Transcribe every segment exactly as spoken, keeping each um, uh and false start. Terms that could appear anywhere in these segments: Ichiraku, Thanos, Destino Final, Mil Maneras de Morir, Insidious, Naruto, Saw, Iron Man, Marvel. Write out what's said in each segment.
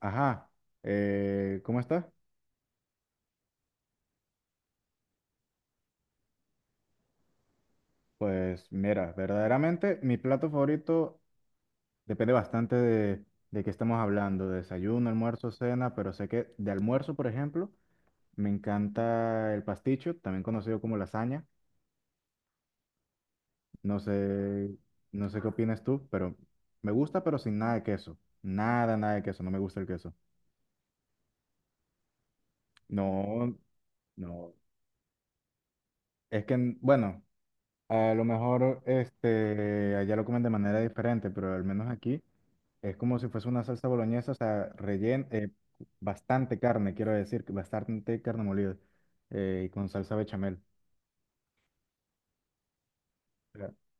Ajá, eh, ¿cómo estás? Pues mira, verdaderamente mi plato favorito depende bastante de, de qué estamos hablando, de desayuno, almuerzo, cena, pero sé que de almuerzo, por ejemplo, me encanta el pasticho, también conocido como lasaña. No sé, no sé qué opinas tú, pero me gusta, pero sin nada de queso. Nada, nada de queso, no me gusta el queso. No, no. Es que, bueno. A lo mejor este, allá lo comen de manera diferente, pero al menos aquí es como si fuese una salsa boloñesa, o sea, rellen, eh, bastante carne, quiero decir, que bastante carne molida eh, y con salsa bechamel. Ya. O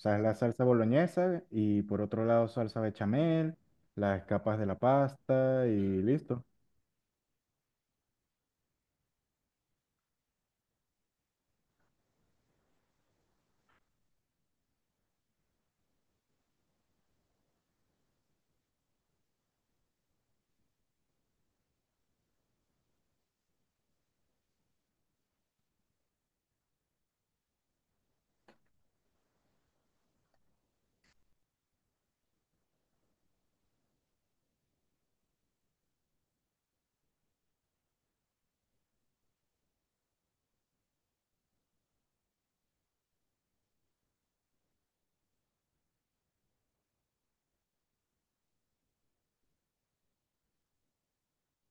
sea, es la salsa boloñesa y por otro lado salsa bechamel, las capas de la pasta y listo.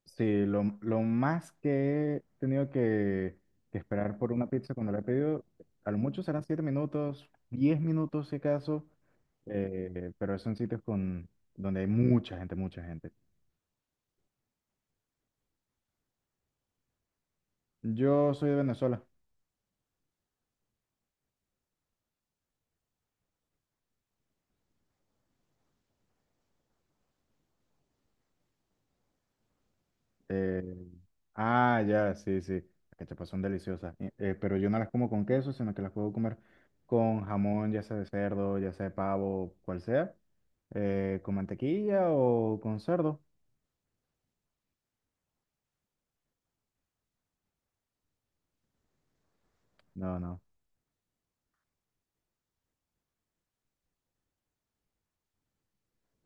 Sí, lo, lo más que he tenido que, que esperar por una pizza cuando la he pedido, a lo mucho serán siete minutos, diez minutos si acaso, eh, pero son sitios con, donde hay mucha gente, mucha gente. Yo soy de Venezuela. eh, ah, ya, sí, sí. Las cachapas son deliciosas, eh, eh, pero yo no las como con queso, sino que las puedo comer con jamón, ya sea de cerdo, ya sea de pavo, cual sea, eh, con mantequilla o con cerdo. No, no.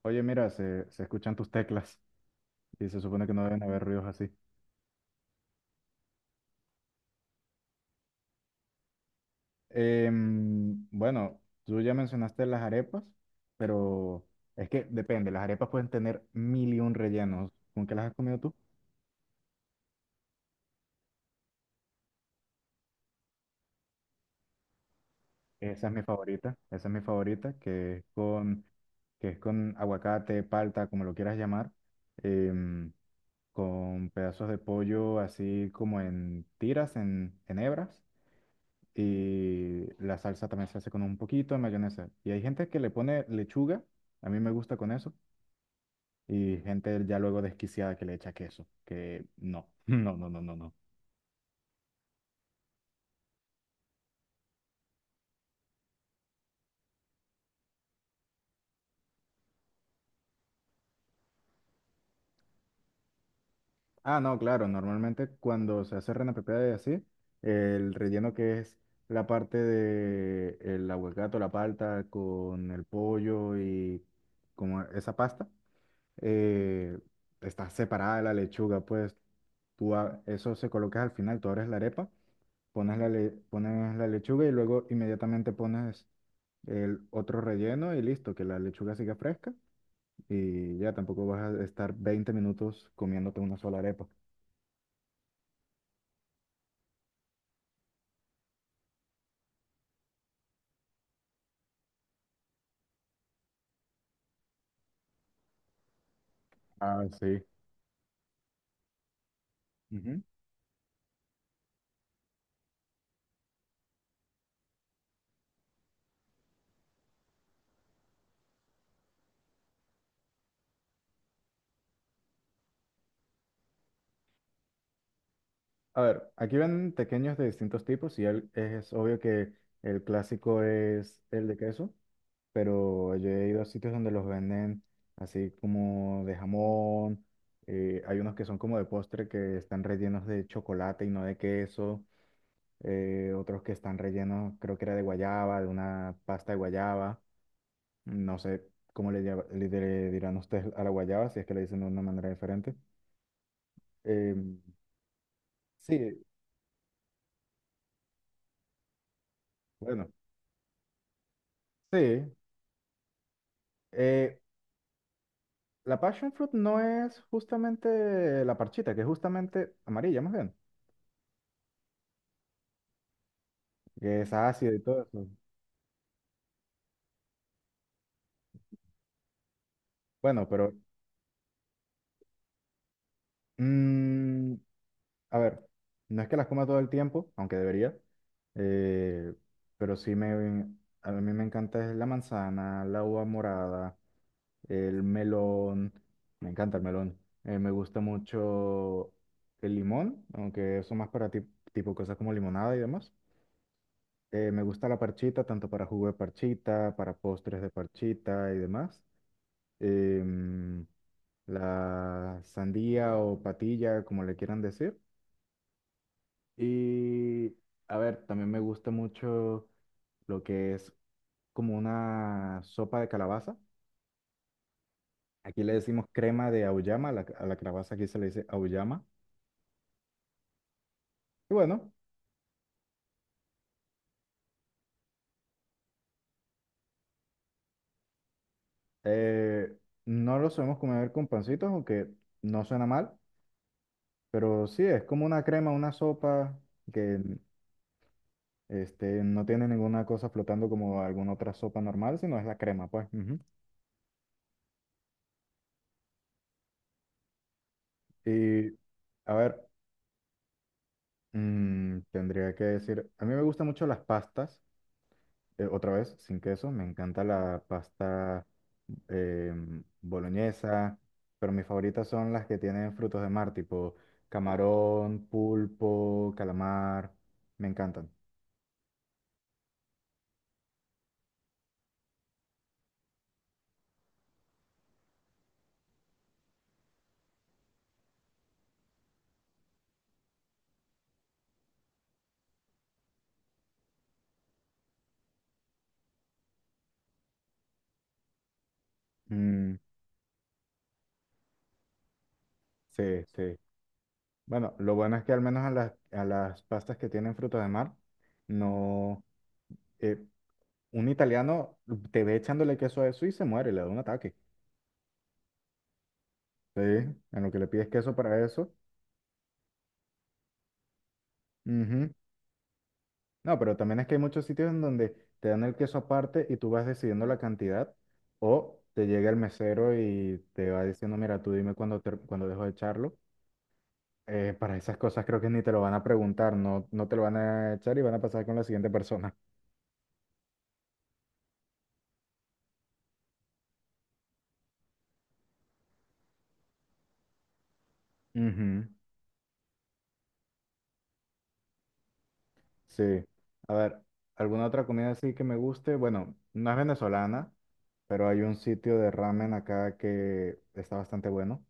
Oye, mira, se, se escuchan tus teclas y se supone que no deben haber ruidos así. Em, bueno, tú ya mencionaste las arepas, pero es que depende, las arepas pueden tener mil y un rellenos. ¿Con qué las has comido tú? Esa es mi favorita, esa es mi favorita, que es con, que es con aguacate, palta, como lo quieras llamar, em, con pedazos de pollo así como en tiras, en, en hebras, y la salsa también se hace con un poquito de mayonesa. Y hay gente que le pone lechuga, a mí me gusta con eso. Y gente ya luego desquiciada que le echa queso, que no, no, no, no, no, no. Ah, no, claro, normalmente cuando se hace reina pepiada y así, el relleno que es la parte de el aguacate, o la palta con el pollo y como esa pasta, eh, está separada de la lechuga, pues tú a- eso se colocas al final, tú abres la arepa, pones la, le- pones la lechuga y luego inmediatamente pones el otro relleno y listo, que la lechuga siga fresca y ya tampoco vas a estar veinte minutos comiéndote una sola arepa. Ah, sí. Ujú. A ver, aquí ven tequeños de distintos tipos y el- es obvio que el clásico es el de queso, pero yo he ido a sitios donde los venden así como de jamón, eh, hay unos que son como de postre que están rellenos de chocolate y no de queso. Eh, otros que están rellenos, creo que era de guayaba, de una pasta de guayaba, no sé cómo le, llama- le- le dirán ustedes a la guayaba, si es que le dicen de una manera diferente. Eh, sí, bueno, sí. eh, la passion fruit no es justamente la parchita, que es justamente amarilla más bien, que es ácida y todo eso. Bueno, pero. mm, A ver, no es que las coma todo el tiempo, aunque debería, eh, pero sí me, a mí me encanta es la manzana, la uva morada, el melón, me encanta el melón. Eh, me gusta mucho el limón, aunque eso más para ti- tipo cosas como limonada y demás. Eh, me gusta la parchita, tanto para jugo de parchita, para postres de parchita y demás. Em, la sandía o patilla, como le quieran decir. Y a ver, también me gusta mucho lo que es como una sopa de calabaza. Aquí le decimos crema de auyama, a la, a la calabaza aquí se le dice auyama. Y bueno, eh, no lo solemos comer con pancitos, aunque no suena mal, pero sí, es como una crema, una sopa que este, no tiene ninguna cosa flotando como alguna otra sopa normal, sino es la crema, pues. Ujú. Y a ver, mm, tendría que decir, a mí me gustan mucho las pastas. Eh, otra vez, sin queso. Me encanta la pasta em, boloñesa, pero mis favoritas son las que tienen frutos de mar, tipo camarón, pulpo, calamar. Me encantan. Mm, sí, sí. Bueno, lo bueno es que al menos a las, a las pastas que tienen frutos de mar, no. eh, un italiano te ve echándole queso a eso y se muere, le da un ataque. Sí, en lo que le pides queso para eso. Ujú. No, pero también es que hay muchos sitios en donde te dan el queso aparte y tú vas decidiendo la cantidad o te llega el mesero y te va diciendo, mira, tú dime cuándo, ter- cuándo dejo de echarlo. Eh, para esas cosas creo que ni te lo van a preguntar, no, no te lo van a echar y van a pasar con la siguiente persona. Ujú. Sí. A ver, ¿alguna otra comida así que me guste? Bueno, no es venezolana, pero hay un sitio de ramen acá que está bastante bueno.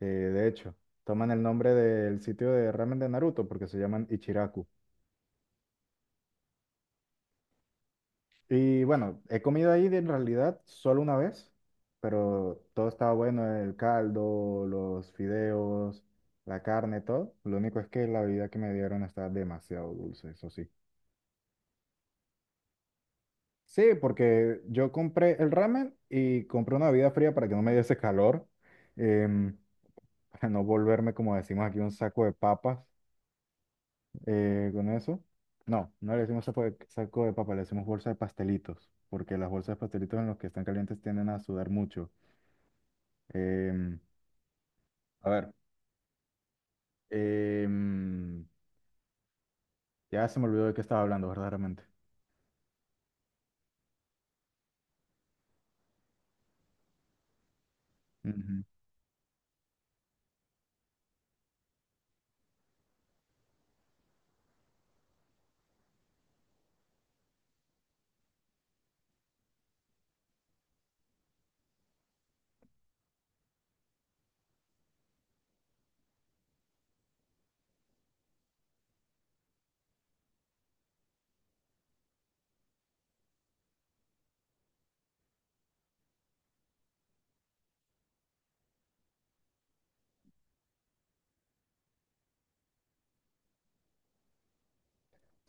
Eh, de hecho, toman el nombre del sitio de ramen de Naruto porque se llaman Ichiraku. Y bueno, he comido ahí de- en realidad solo una vez, pero todo estaba bueno, el caldo, los fideos, la carne, todo. Lo único es que la bebida que me dieron estaba demasiado dulce, eso sí. Sí, porque yo compré el ramen y compré una bebida fría para que no me diese calor, em, para no volverme, como decimos aquí, un saco de papas. Eh, con eso. No, no le decimos saco de, saco de papa, le decimos bolsa de pastelitos, porque las bolsas de pastelitos en los que están calientes tienden a sudar mucho. Em, a ver, em, ya se me olvidó de qué estaba hablando verdaderamente. Ujú.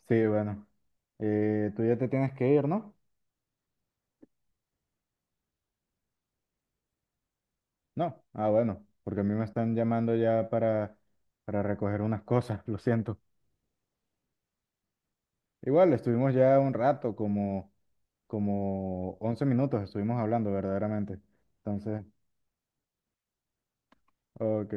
Sí, bueno. Eh, tú ya te tienes que ir, ¿no? No. Ah, bueno, porque a mí me están llamando ya para, para recoger unas cosas, lo siento. Igual, estuvimos ya un rato, como, como once minutos estuvimos hablando verdaderamente. Entonces. Ok.